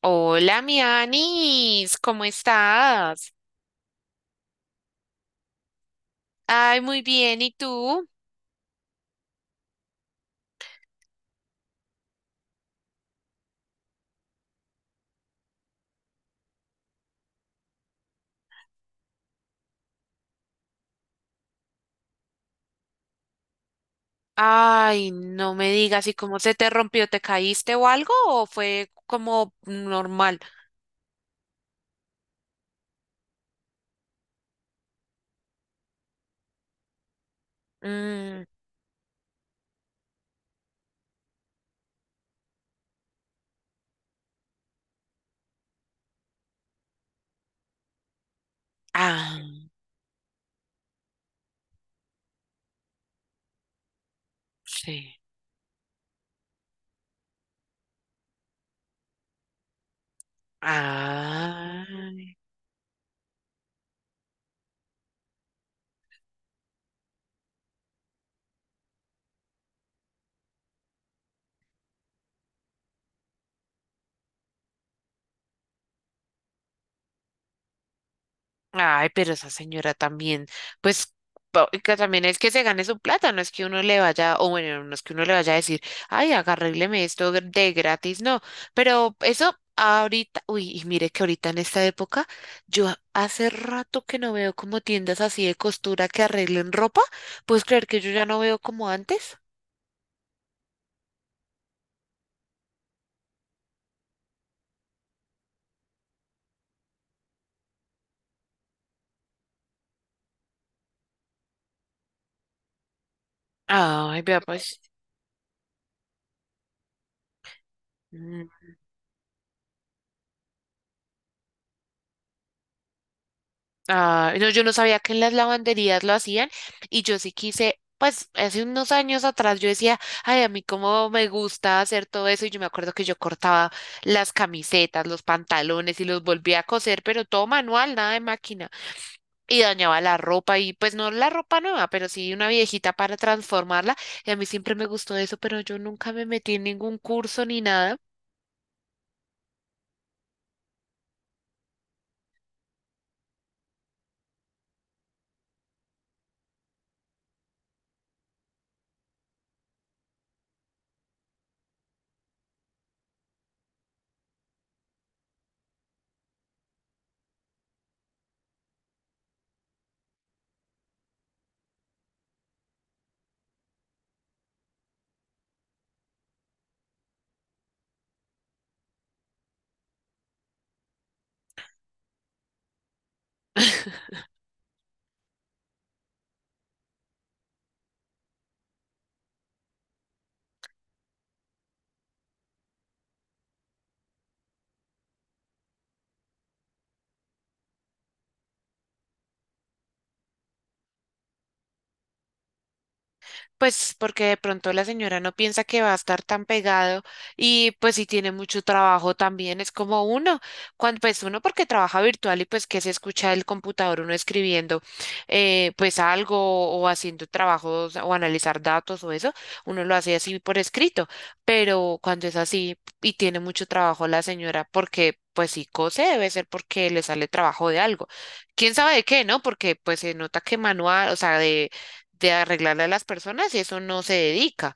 Hola, mi Anis, ¿cómo estás? Ay, muy bien, ¿y tú? Ay, no me digas, ¿y cómo se te rompió? ¿Te caíste o algo? ¿O fue como normal? Mm, ah, sí. Ah. Ay, pero esa señora también, pues que también es que se gane su plata, no es que uno le vaya, o bueno, no es que uno le vaya a decir, ay, de gratis, no, pero eso ahorita, uy, y mire que ahorita en esta época, hace rato que no veo como tiendas así de costura que arreglen ropa. ¿Puedes creer que yo ya no veo como antes? Ay, vea pues. Ah, no, yo no sabía que en las lavanderías lo hacían, y yo sí quise. Pues hace unos años atrás yo decía, ay, a mí cómo me gusta hacer todo eso, y yo me acuerdo que yo cortaba las camisetas, los pantalones y los volvía a coser, pero todo manual, nada de máquina, y dañaba la ropa, y pues no la ropa nueva, pero sí una viejita para transformarla. Y a mí siempre me gustó eso, pero yo nunca me metí en ningún curso ni nada. Pues porque de pronto la señora no piensa que va a estar tan pegado, y pues si tiene mucho trabajo también es como uno, cuando pues uno porque trabaja virtual y pues que se escucha el computador uno escribiendo, pues algo, o haciendo trabajos o analizar datos o eso, uno lo hace así por escrito, pero cuando es así y tiene mucho trabajo la señora, porque pues si cose debe ser porque le sale trabajo de algo. ¿Quién sabe de qué, no? Porque pues se nota que manual, o sea, de arreglarle a las personas y eso, no se dedica.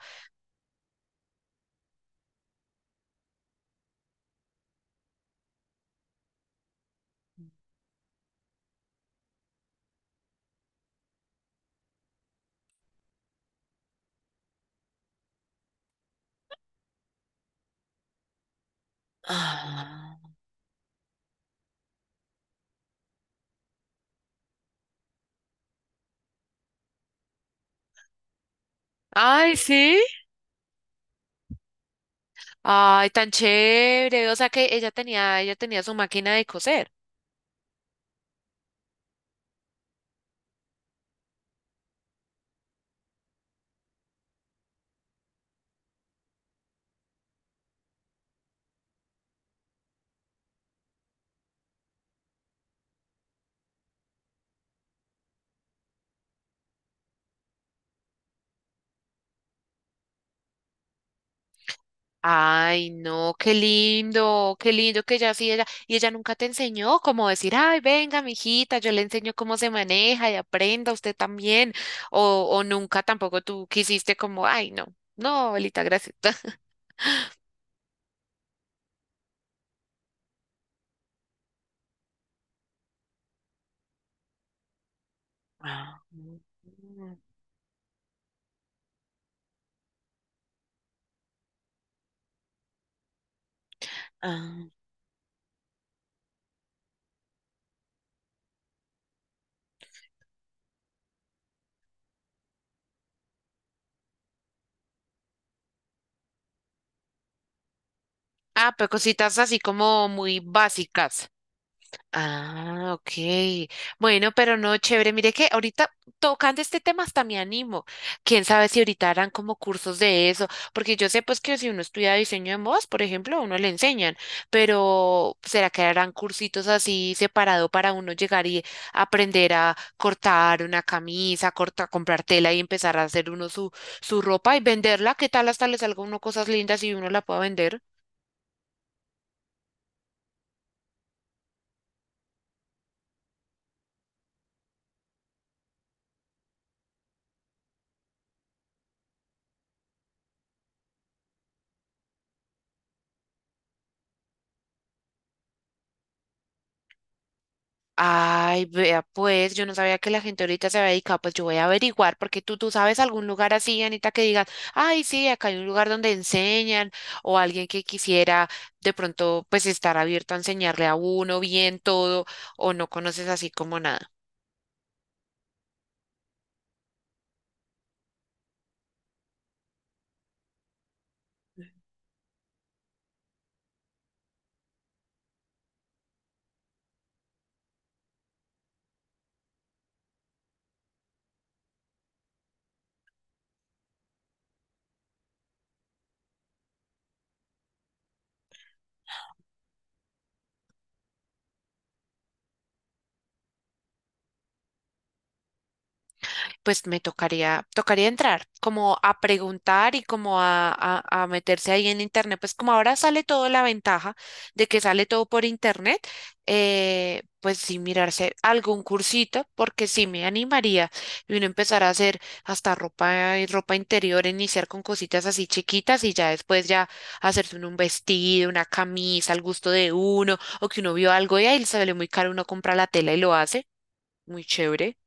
Ah. Ay, sí. Ay, tan chévere. O sea que ella tenía su máquina de coser. Ay, no, qué lindo que ella sí, ella, y ella nunca te enseñó cómo decir, ay, venga, mijita, yo le enseño cómo se maneja y aprenda usted también. O nunca tampoco tú quisiste como, ay, no, no, abuelita, gracias. Ah. Mm. Ah. Ah, pero cositas así como muy básicas. Ah, ok. Bueno, pero no, chévere. Mire que ahorita tocando este tema hasta me animo. Quién sabe si ahorita harán como cursos de eso, porque yo sé pues que si uno estudia diseño de modas, por ejemplo, a uno le enseñan. Pero ¿será que harán cursitos así separado para uno llegar y aprender a cortar una camisa, corta, comprar tela y empezar a hacer uno su, su ropa y venderla? ¿Qué tal hasta le salga a uno cosas lindas y uno la pueda vender? Ay, vea, pues yo no sabía que la gente ahorita se había dedicado. Pues yo voy a averiguar, porque tú sabes algún lugar así, Anita, que digas, ay, sí, acá hay un lugar donde enseñan, o alguien que quisiera de pronto, pues estar abierto a enseñarle a uno bien todo, o no conoces así como nada. Pues me tocaría, tocaría entrar, como a preguntar y como a meterse ahí en internet. Pues como ahora sale todo la ventaja de que sale todo por internet, pues sí mirarse algún cursito, porque sí me animaría, y uno empezar a hacer hasta ropa y ropa interior, iniciar con cositas así chiquitas y ya después ya hacerse uno un vestido, una camisa al gusto de uno, o que uno vio algo y ahí le sale muy caro, uno compra la tela y lo hace. Muy chévere.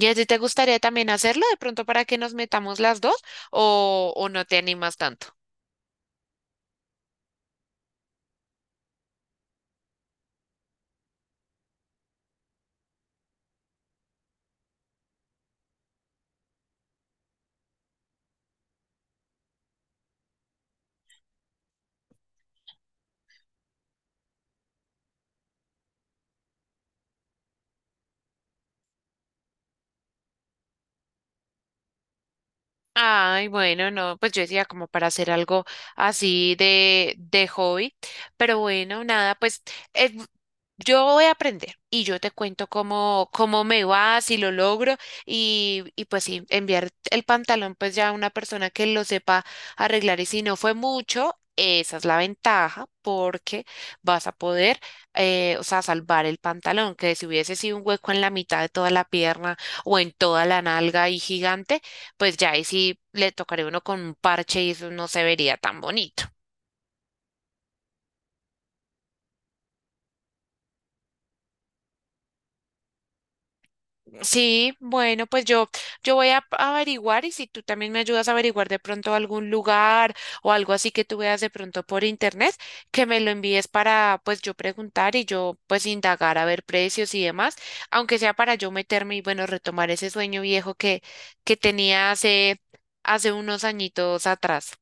¿Y a ti te gustaría también hacerlo de pronto para que nos metamos las dos, o no te animas tanto? Ay, bueno, no, pues yo decía como para hacer algo así de hobby, pero bueno, nada, pues, eh, yo voy a aprender y yo te cuento cómo, cómo me va, si lo logro. Y, y pues sí, enviar el pantalón pues ya a una persona que lo sepa arreglar, y si no fue mucho, esa es la ventaja, porque vas a poder, o sea, salvar el pantalón, que si hubiese sido un hueco en la mitad de toda la pierna o en toda la nalga y gigante, pues ya ahí sí le tocaré uno con un parche y eso no se vería tan bonito. Sí, bueno, pues yo voy a averiguar, y si tú también me ayudas a averiguar de pronto algún lugar o algo así que tú veas de pronto por internet, que me lo envíes para pues yo preguntar y yo pues indagar a ver precios y demás, aunque sea para yo meterme y bueno, retomar ese sueño viejo que tenía hace, hace unos añitos atrás.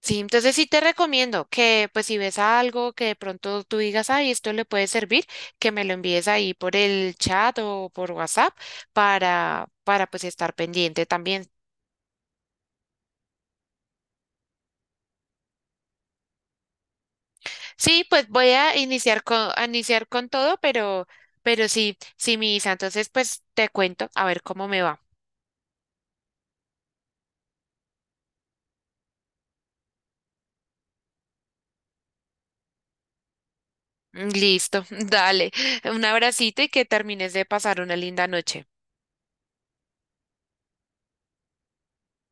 Sí, entonces sí te recomiendo que pues si ves algo que de pronto tú digas, ay, esto le puede servir, que me lo envíes ahí por el chat o por WhatsApp para pues estar pendiente también. Sí, pues voy a iniciar con todo, pero sí, sí, misa entonces pues te cuento a ver cómo me va. Listo, dale, un abracito y que termines de pasar una linda noche.